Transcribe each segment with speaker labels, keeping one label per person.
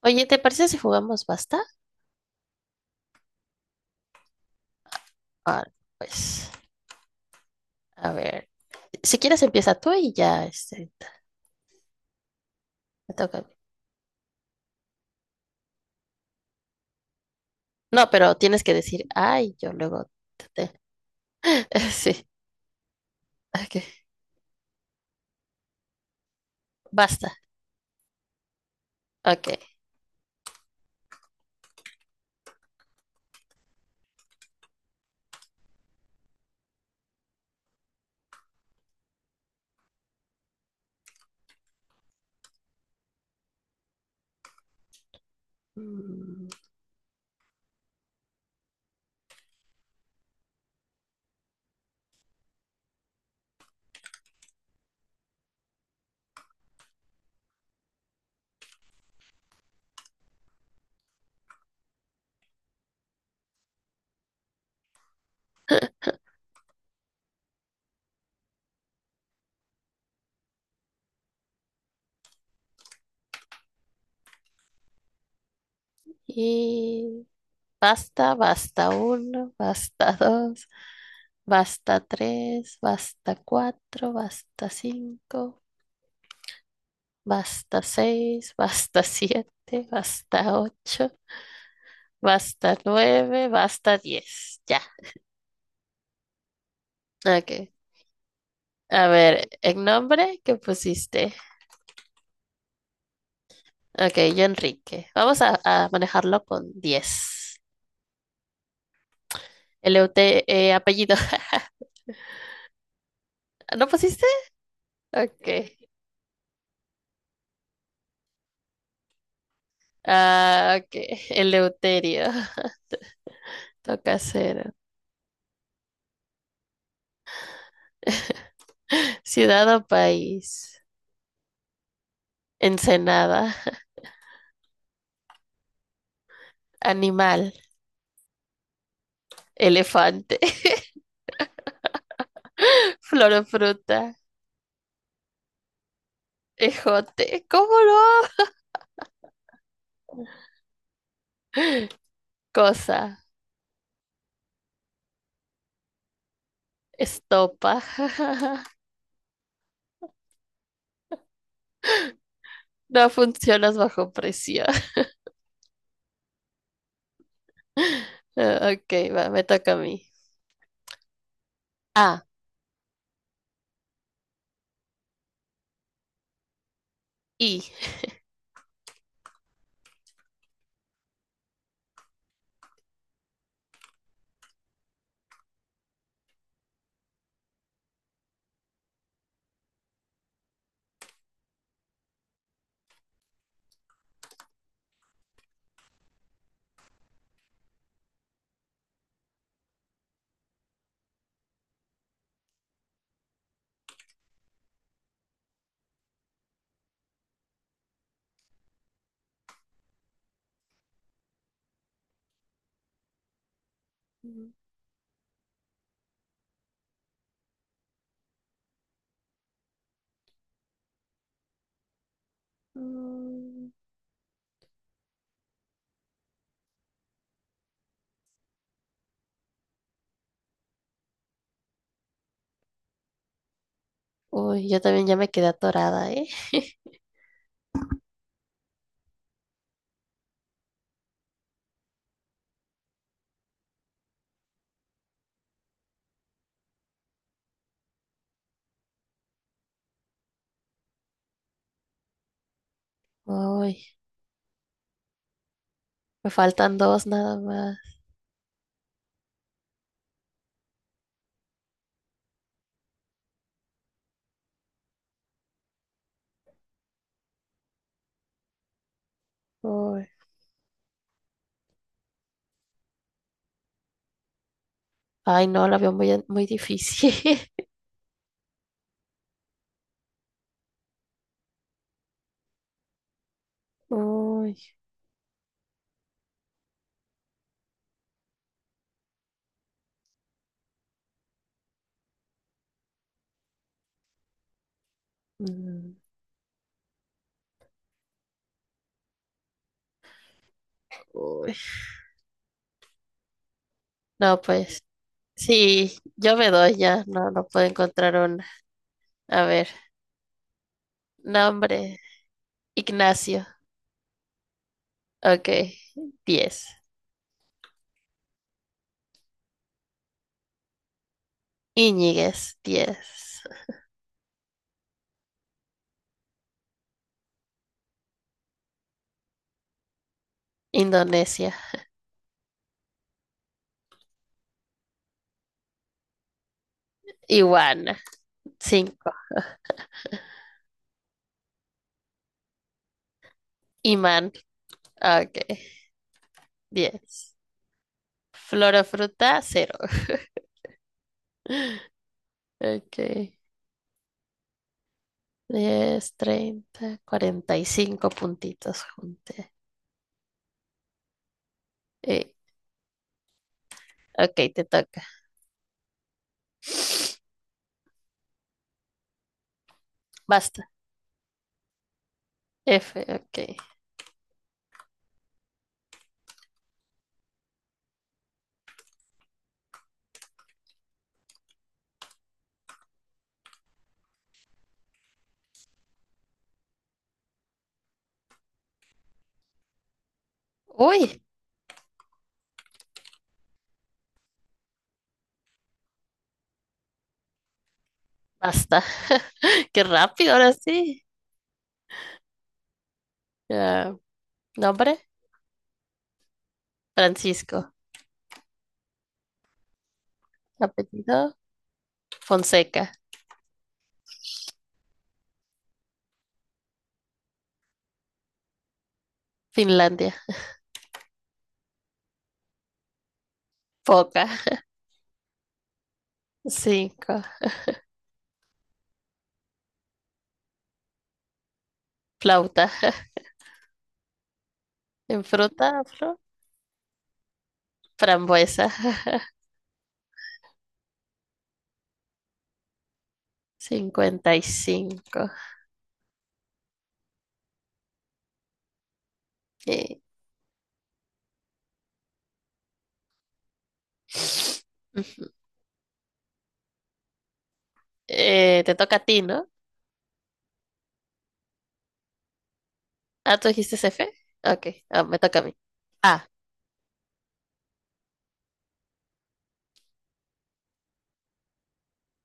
Speaker 1: Oye, ¿te parece si jugamos basta? Ah, pues, a ver, si quieres empieza tú y ya, me toca a mí. No, pero tienes que decir, ay, yo luego te, te- Sí, ok, basta, ok. Mm, y basta, basta uno, basta dos, basta tres, basta cuatro, basta cinco, basta seis, basta siete, basta ocho, basta nueve, basta diez. Ok. A ver, el nombre que pusiste. Ok, yo Enrique. Vamos a manejarlo con 10. El apellido. ¿No pusiste? Ok. Ah, ok. Eleuterio. Toca 0. Ciudad o país. Ensenada. Animal. Elefante. Flor o fruta. Ejote. ¿Cómo no? Cosa. Estopa. No funcionas bajo presión. Ah, ok, va, me toca a mí. Ah, y. Mm, uy, yo también ya me quedé atorada, ¿eh? Uy, me faltan dos nada más. Uy. Ay, no, la veo muy, muy difícil. Uy. Mm, uy. No, pues. Sí, yo me doy ya. No, no puedo encontrar una. A ver, nombre. Ignacio. Ok, 10. Iñiguez, 10. Indonesia. Iguana, 5. Imán, ok, 10. Flor o fruta, 0. Ok, 10, 30, 45 puntitos junté. Eh, ok, te toca. Basta. F, ok. Uy, basta. Qué rápido, ahora sí. Ah, nombre, Francisco. Apellido, Fonseca. Finlandia. Foca. 5. Flauta. En fruta, flor, frambuesa. 55. Eh, ujú. Te toca a ti, ¿no? Ah, ¿tú dijiste F? Ok, me toca a mí. A,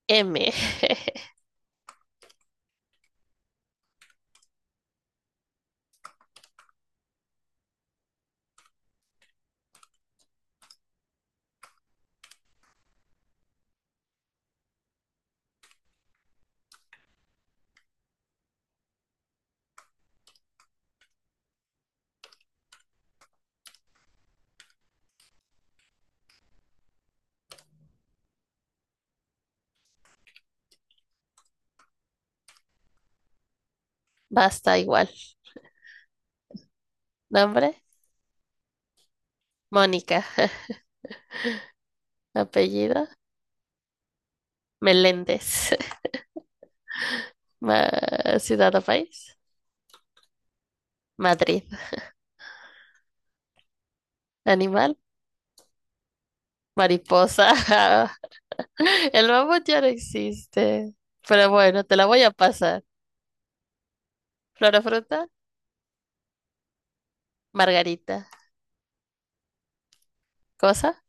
Speaker 1: M. Basta igual. Nombre, Mónica. Apellido, Meléndez. Ciudad o país, Madrid. Animal, mariposa. El mamut ya no existe. Pero bueno, te la voy a pasar. Flor o fruta, margarita. Cosa,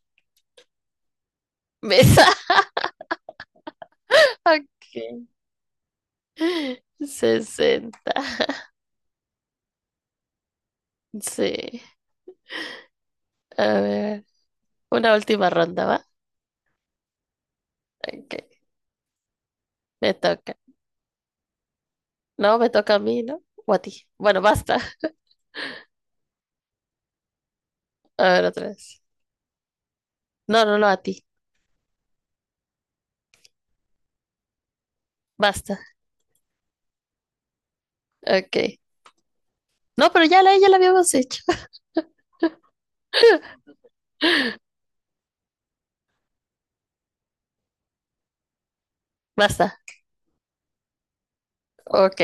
Speaker 1: mesa. Ok. 60. Sí. A ver, una última ronda, ¿va? Ok, me toca. No, me toca a mí, ¿no? O a ti. Bueno, basta. A ver, otra vez. No, no, no, a ti. Basta. Ok. No, pero ya la habíamos hecho. Basta. Ok.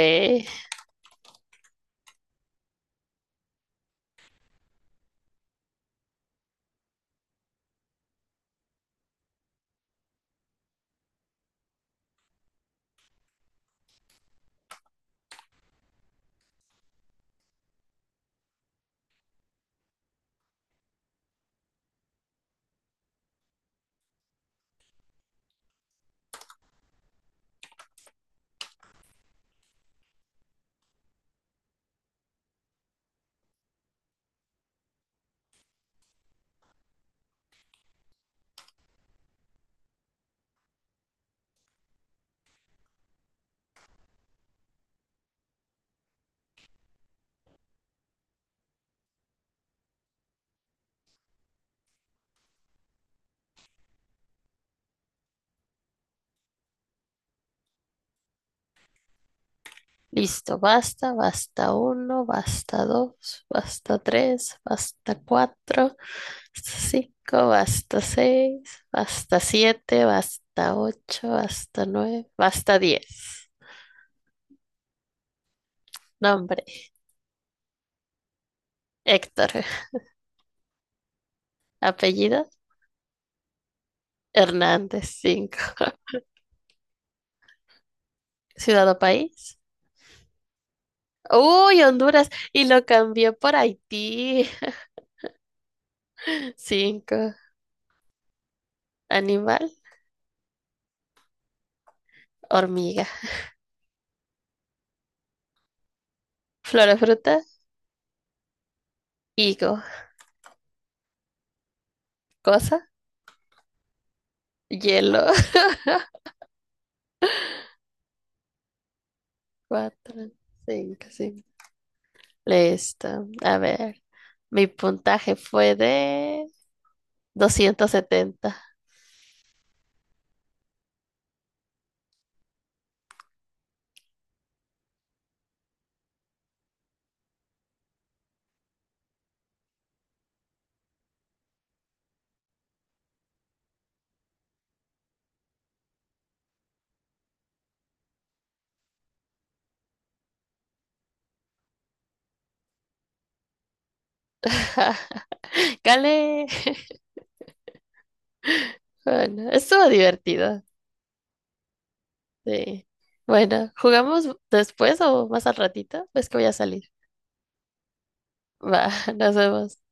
Speaker 1: Listo. Basta, basta uno, basta dos, basta tres, basta cuatro, basta cinco, basta seis, basta siete, basta ocho, basta nueve, basta diez. Nombre, Héctor. Apellido, Hernández, 5. Ciudad o país. Uy, Honduras. Y lo cambió por Haití. 5. Animal, hormiga. Flora, fruta, higo. Cosa, hielo. 4, 5, 5. Listo. A ver. Mi puntaje fue de 270. Gale. Bueno, estuvo divertido. Sí. Bueno, ¿jugamos después o más al ratito? Es que voy a salir. Va, nos vemos.